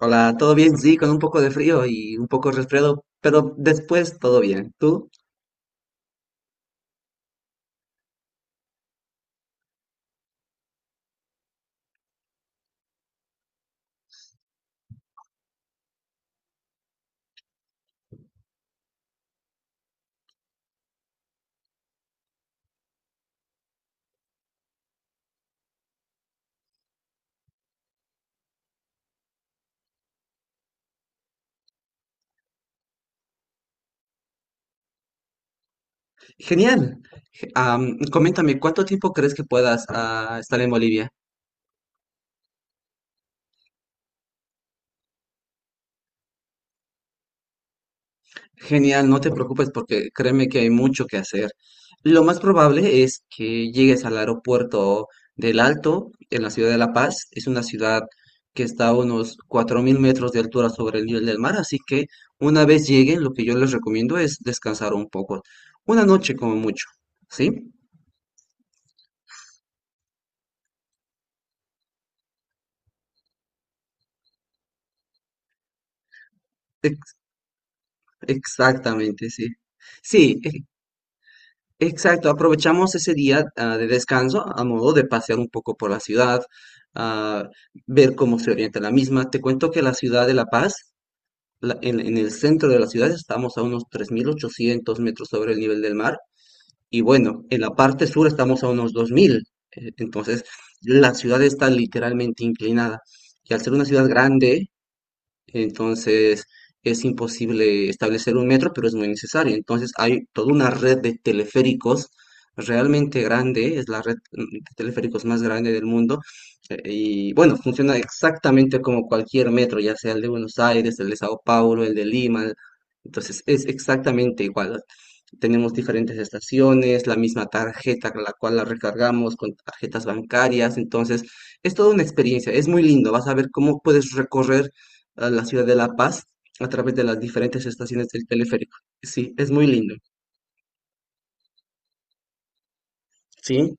Hola, ¿todo bien? Sí, con un poco de frío y un poco resfriado, pero después todo bien. ¿Tú? Genial. Coméntame, ¿cuánto tiempo crees que puedas estar en Bolivia? Genial, no te preocupes porque créeme que hay mucho que hacer. Lo más probable es que llegues al aeropuerto del Alto, en la ciudad de La Paz. Es una ciudad que está a unos 4.000 metros de altura sobre el nivel del mar, así que una vez lleguen, lo que yo les recomiendo es descansar un poco. Una noche como mucho, ¿sí? Exactamente, sí. Sí, exacto. Aprovechamos ese día de descanso a modo de pasear un poco por la ciudad, ah, ver cómo se orienta la misma. Te cuento que la ciudad de La Paz, en el centro de la ciudad, estamos a unos 3.800 metros sobre el nivel del mar. Y bueno, en la parte sur estamos a unos 2.000. Entonces, la ciudad está literalmente inclinada. Y al ser una ciudad grande, entonces es imposible establecer un metro, pero es muy necesario. Entonces hay toda una red de teleféricos realmente grande, es la red de teleféricos más grande del mundo. Y bueno, funciona exactamente como cualquier metro, ya sea el de Buenos Aires, el de Sao Paulo, el de Lima. Entonces es exactamente igual. Tenemos diferentes estaciones, la misma tarjeta con la cual la recargamos con tarjetas bancarias. Entonces, es toda una experiencia, es muy lindo. Vas a ver cómo puedes recorrer la ciudad de La Paz a través de las diferentes estaciones del teleférico. Sí, es muy lindo. Sí.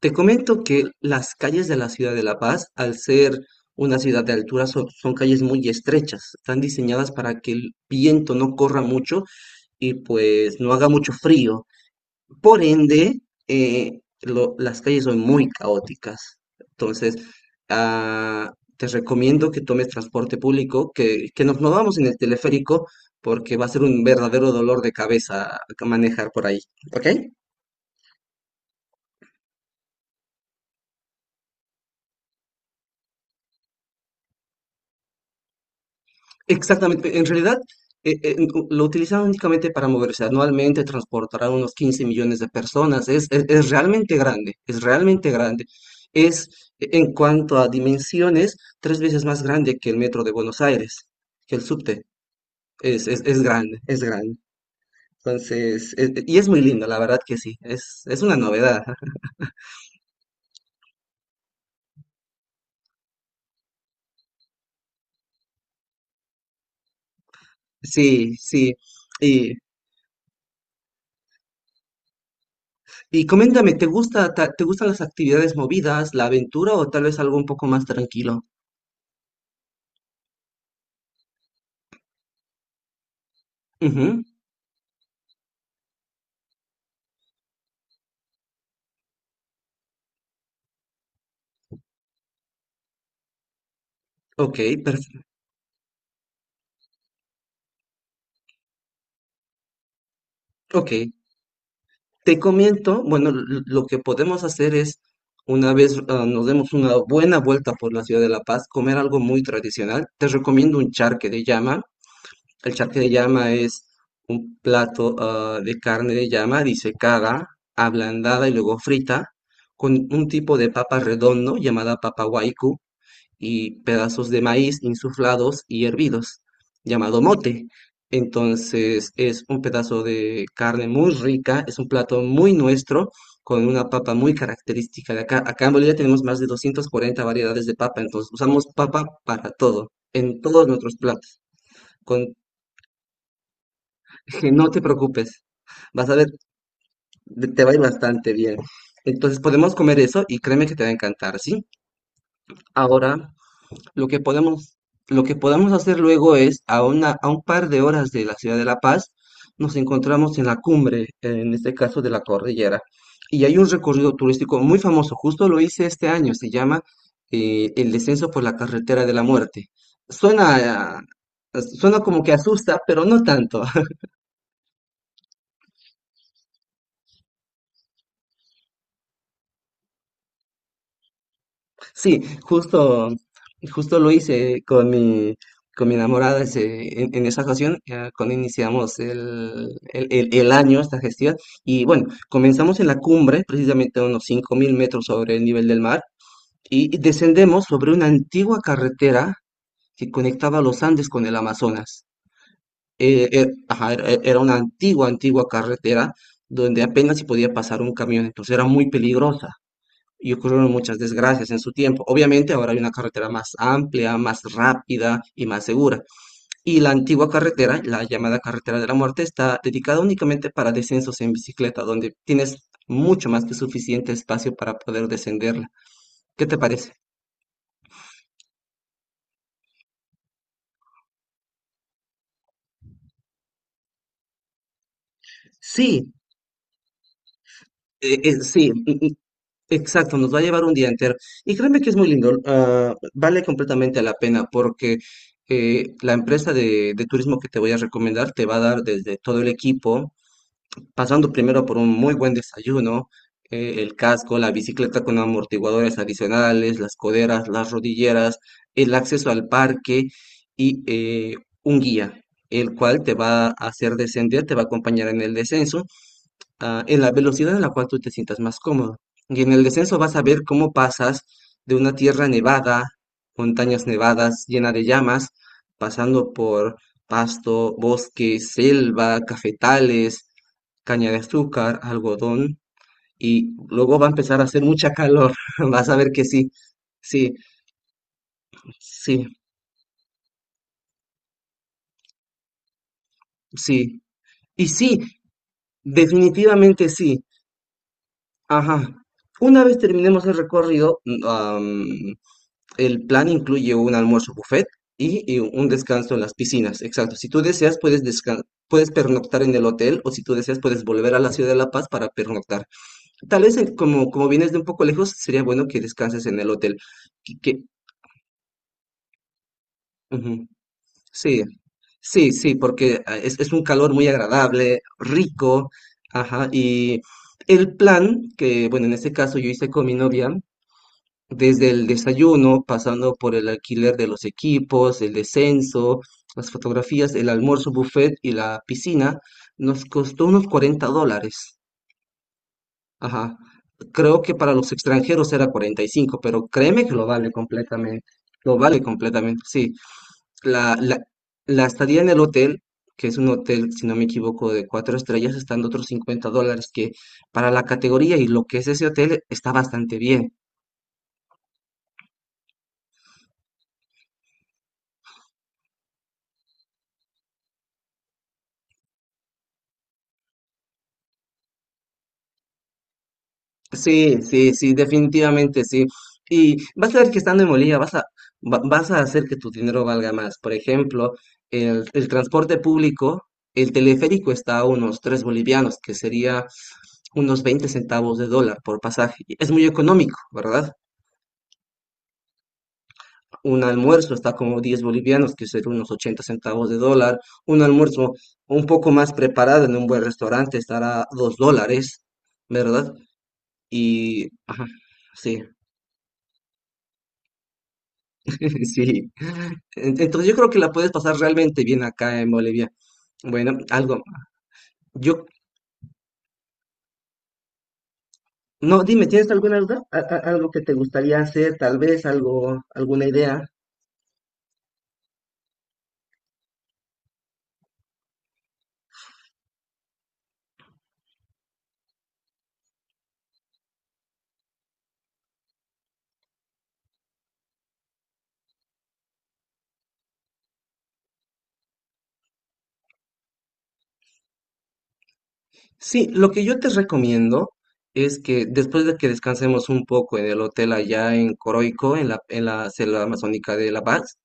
Te comento que las calles de la ciudad de La Paz, al ser una ciudad de altura, son calles muy estrechas. Están diseñadas para que el viento no corra mucho y pues no haga mucho frío. Por ende, las calles son muy caóticas. Entonces, te recomiendo que tomes transporte público, que nos movamos en el teleférico, porque va a ser un verdadero dolor de cabeza manejar por ahí. ¿Ok? Exactamente, en realidad lo utilizaban únicamente para moverse. Anualmente transportarán unos 15 millones de personas. Es realmente grande, es realmente grande. Es, en cuanto a dimensiones, tres veces más grande que el metro de Buenos Aires, que el subte. Es grande, es grande. Entonces, y es muy lindo, la verdad que sí. Es una novedad. Sí, sí. Y, y coméntame, te gustan las actividades movidas, la aventura o tal vez algo un poco más tranquilo? Ujú. Ok, perfecto. Ok, te comento, bueno, lo que podemos hacer es, una vez nos demos una buena vuelta por la ciudad de La Paz, comer algo muy tradicional. Te recomiendo un charque de llama. El charque de llama es un plato de carne de llama disecada, ablandada y luego frita, con un tipo de papa redondo llamada papa huaycu, y pedazos de maíz insuflados y hervidos, llamado mote. Entonces es un pedazo de carne muy rica, es un plato muy nuestro, con una papa muy característica de acá. Acá en Bolivia tenemos más de 240 variedades de papa, entonces usamos papa para todo, en todos nuestros platos. Con que no te preocupes, vas a ver, te va a ir bastante bien. Entonces podemos comer eso y créeme que te va a encantar, ¿sí? Ahora lo que podemos, lo que podamos hacer luego es, a una, a un par de horas de la ciudad de La Paz, nos encontramos en la cumbre, en este caso de la cordillera. Y hay un recorrido turístico muy famoso, justo lo hice este año, se llama El descenso por la carretera de la muerte. Suena, suena como que asusta, pero no tanto. Sí, justo lo hice con mi enamorada en esa ocasión, cuando iniciamos el año, esta gestión. Y bueno, comenzamos en la cumbre, precisamente a unos 5.000 metros sobre el nivel del mar, y descendemos sobre una antigua carretera que conectaba los Andes con el Amazonas. Ajá, era una antigua carretera donde apenas se podía pasar un camión, entonces era muy peligrosa y ocurrieron muchas desgracias en su tiempo. Obviamente ahora hay una carretera más amplia, más rápida y más segura. Y la antigua carretera, la llamada carretera de la muerte, está dedicada únicamente para descensos en bicicleta, donde tienes mucho más que suficiente espacio para poder descenderla. ¿Qué te parece? Sí, sí, exacto, nos va a llevar un día entero. Y créeme que es muy lindo, vale completamente la pena porque la empresa de turismo que te voy a recomendar te va a dar desde todo el equipo, pasando primero por un muy buen desayuno, el casco, la bicicleta con amortiguadores adicionales, las coderas, las rodilleras, el acceso al parque y un guía, el cual te va a hacer descender, te va a acompañar en el descenso en la velocidad a la cual tú te sientas más cómodo. Y en el descenso vas a ver cómo pasas de una tierra nevada, montañas nevadas llena de llamas, pasando por pasto, bosque, selva, cafetales, caña de azúcar, algodón, y luego va a empezar a hacer mucha calor. Vas a ver que sí, sí, sí, sí. Y sí, definitivamente sí. Ajá. Una vez terminemos el recorrido, el plan incluye un almuerzo buffet y un descanso en las piscinas. Exacto. Si tú deseas, puedes puedes pernoctar en el hotel o si tú deseas, puedes volver a la ciudad de La Paz para pernoctar. Tal vez, como vienes de un poco lejos, sería bueno que descanses en el hotel. Que, que- Ujú, sí, sí, sí, porque es un calor muy agradable, rico. Ajá. Y el plan que, bueno, en este caso yo hice con mi novia, desde el desayuno, pasando por el alquiler de los equipos, el descenso, las fotografías, el almuerzo buffet y la piscina, nos costó unos $40. Ajá. Creo que para los extranjeros era 45, pero créeme que lo vale completamente. Lo vale completamente, sí. La, la, la estadía en el hotel, que es un hotel, si no me equivoco, de cuatro estrellas, están otros $50, que para la categoría y lo que es ese hotel está bastante bien. Sí, sí, sí, definitivamente sí. Y vas a ver que estando en Bolivia vas a hacer que tu dinero valga más. Por ejemplo, el transporte público, el teleférico está a unos 3 bolivianos, que sería unos 20 centavos de dólar por pasaje. Y es muy económico, ¿verdad? Un almuerzo está como 10 bolivianos, que sería unos 80 centavos de dólar. Un almuerzo un poco más preparado en un buen restaurante estará a $2, ¿verdad? Y, ajá, sí. Sí. Entonces yo creo que la puedes pasar realmente bien acá en Bolivia. Bueno, algo. Yo, no, dime, ¿tienes alguna duda? Algo que te gustaría hacer, tal vez, algo, alguna idea. Sí, lo que yo te recomiendo es que después de que descansemos un poco en el hotel allá en Coroico, en la selva amazónica de La Paz,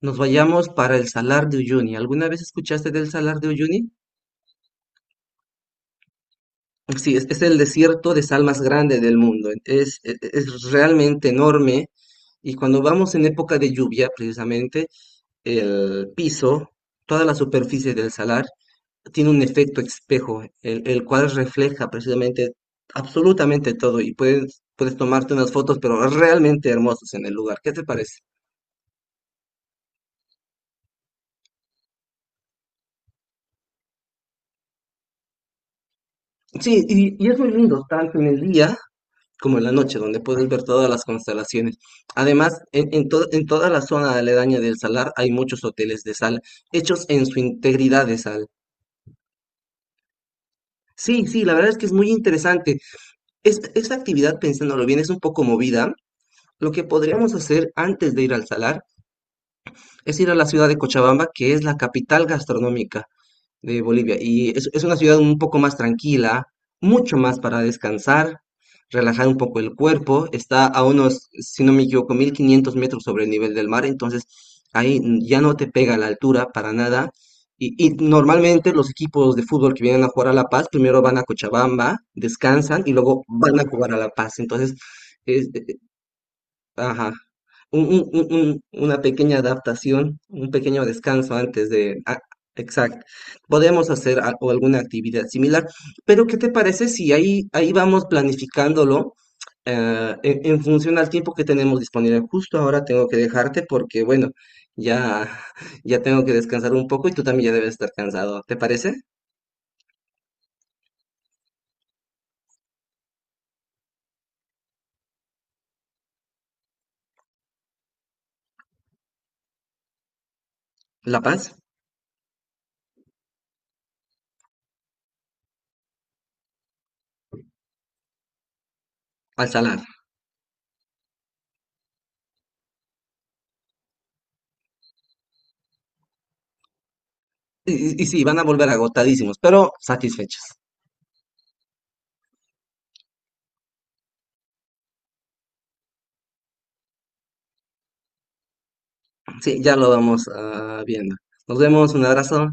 nos vayamos para el Salar de Uyuni. ¿Alguna vez escuchaste del Salar de Uyuni? Sí, es el desierto de sal más grande del mundo. Es realmente enorme y cuando vamos en época de lluvia, precisamente, el piso, toda la superficie del salar, tiene un efecto espejo, el cual refleja precisamente absolutamente todo y puedes tomarte unas fotos, pero realmente hermosas en el lugar. ¿Qué te parece? Sí, y es muy lindo, tanto en el día como en la noche, donde puedes ver todas las constelaciones. Además, en toda la zona aledaña del salar hay muchos hoteles de sal, hechos en su integridad de sal. Sí, sí, la verdad es que es muy interesante. Esta actividad, pensándolo bien, es un poco movida. Lo que podríamos hacer antes de ir al salar es ir a la ciudad de Cochabamba, que es la capital gastronómica de Bolivia. Y es una ciudad un poco más tranquila, mucho más para descansar, relajar un poco el cuerpo. Está a unos, si no me equivoco, 1.500 metros sobre el nivel del mar, entonces ahí ya no te pega la altura para nada. Y normalmente los equipos de fútbol que vienen a jugar a La Paz, primero van a Cochabamba, descansan y luego van a jugar a La Paz. Entonces, ajá. Una pequeña adaptación, un pequeño descanso antes de exacto. Podemos hacer o alguna actividad similar, pero ¿qué te parece si ahí vamos planificándolo en, función al tiempo que tenemos disponible? Justo ahora tengo que dejarte porque, bueno, ya, ya tengo que descansar un poco y tú también ya debes estar cansado. ¿Te parece? La Paz, al salar. Y, y sí, van a volver agotadísimos, pero satisfechos. Sí, ya lo vamos viendo. Nos vemos, un abrazo.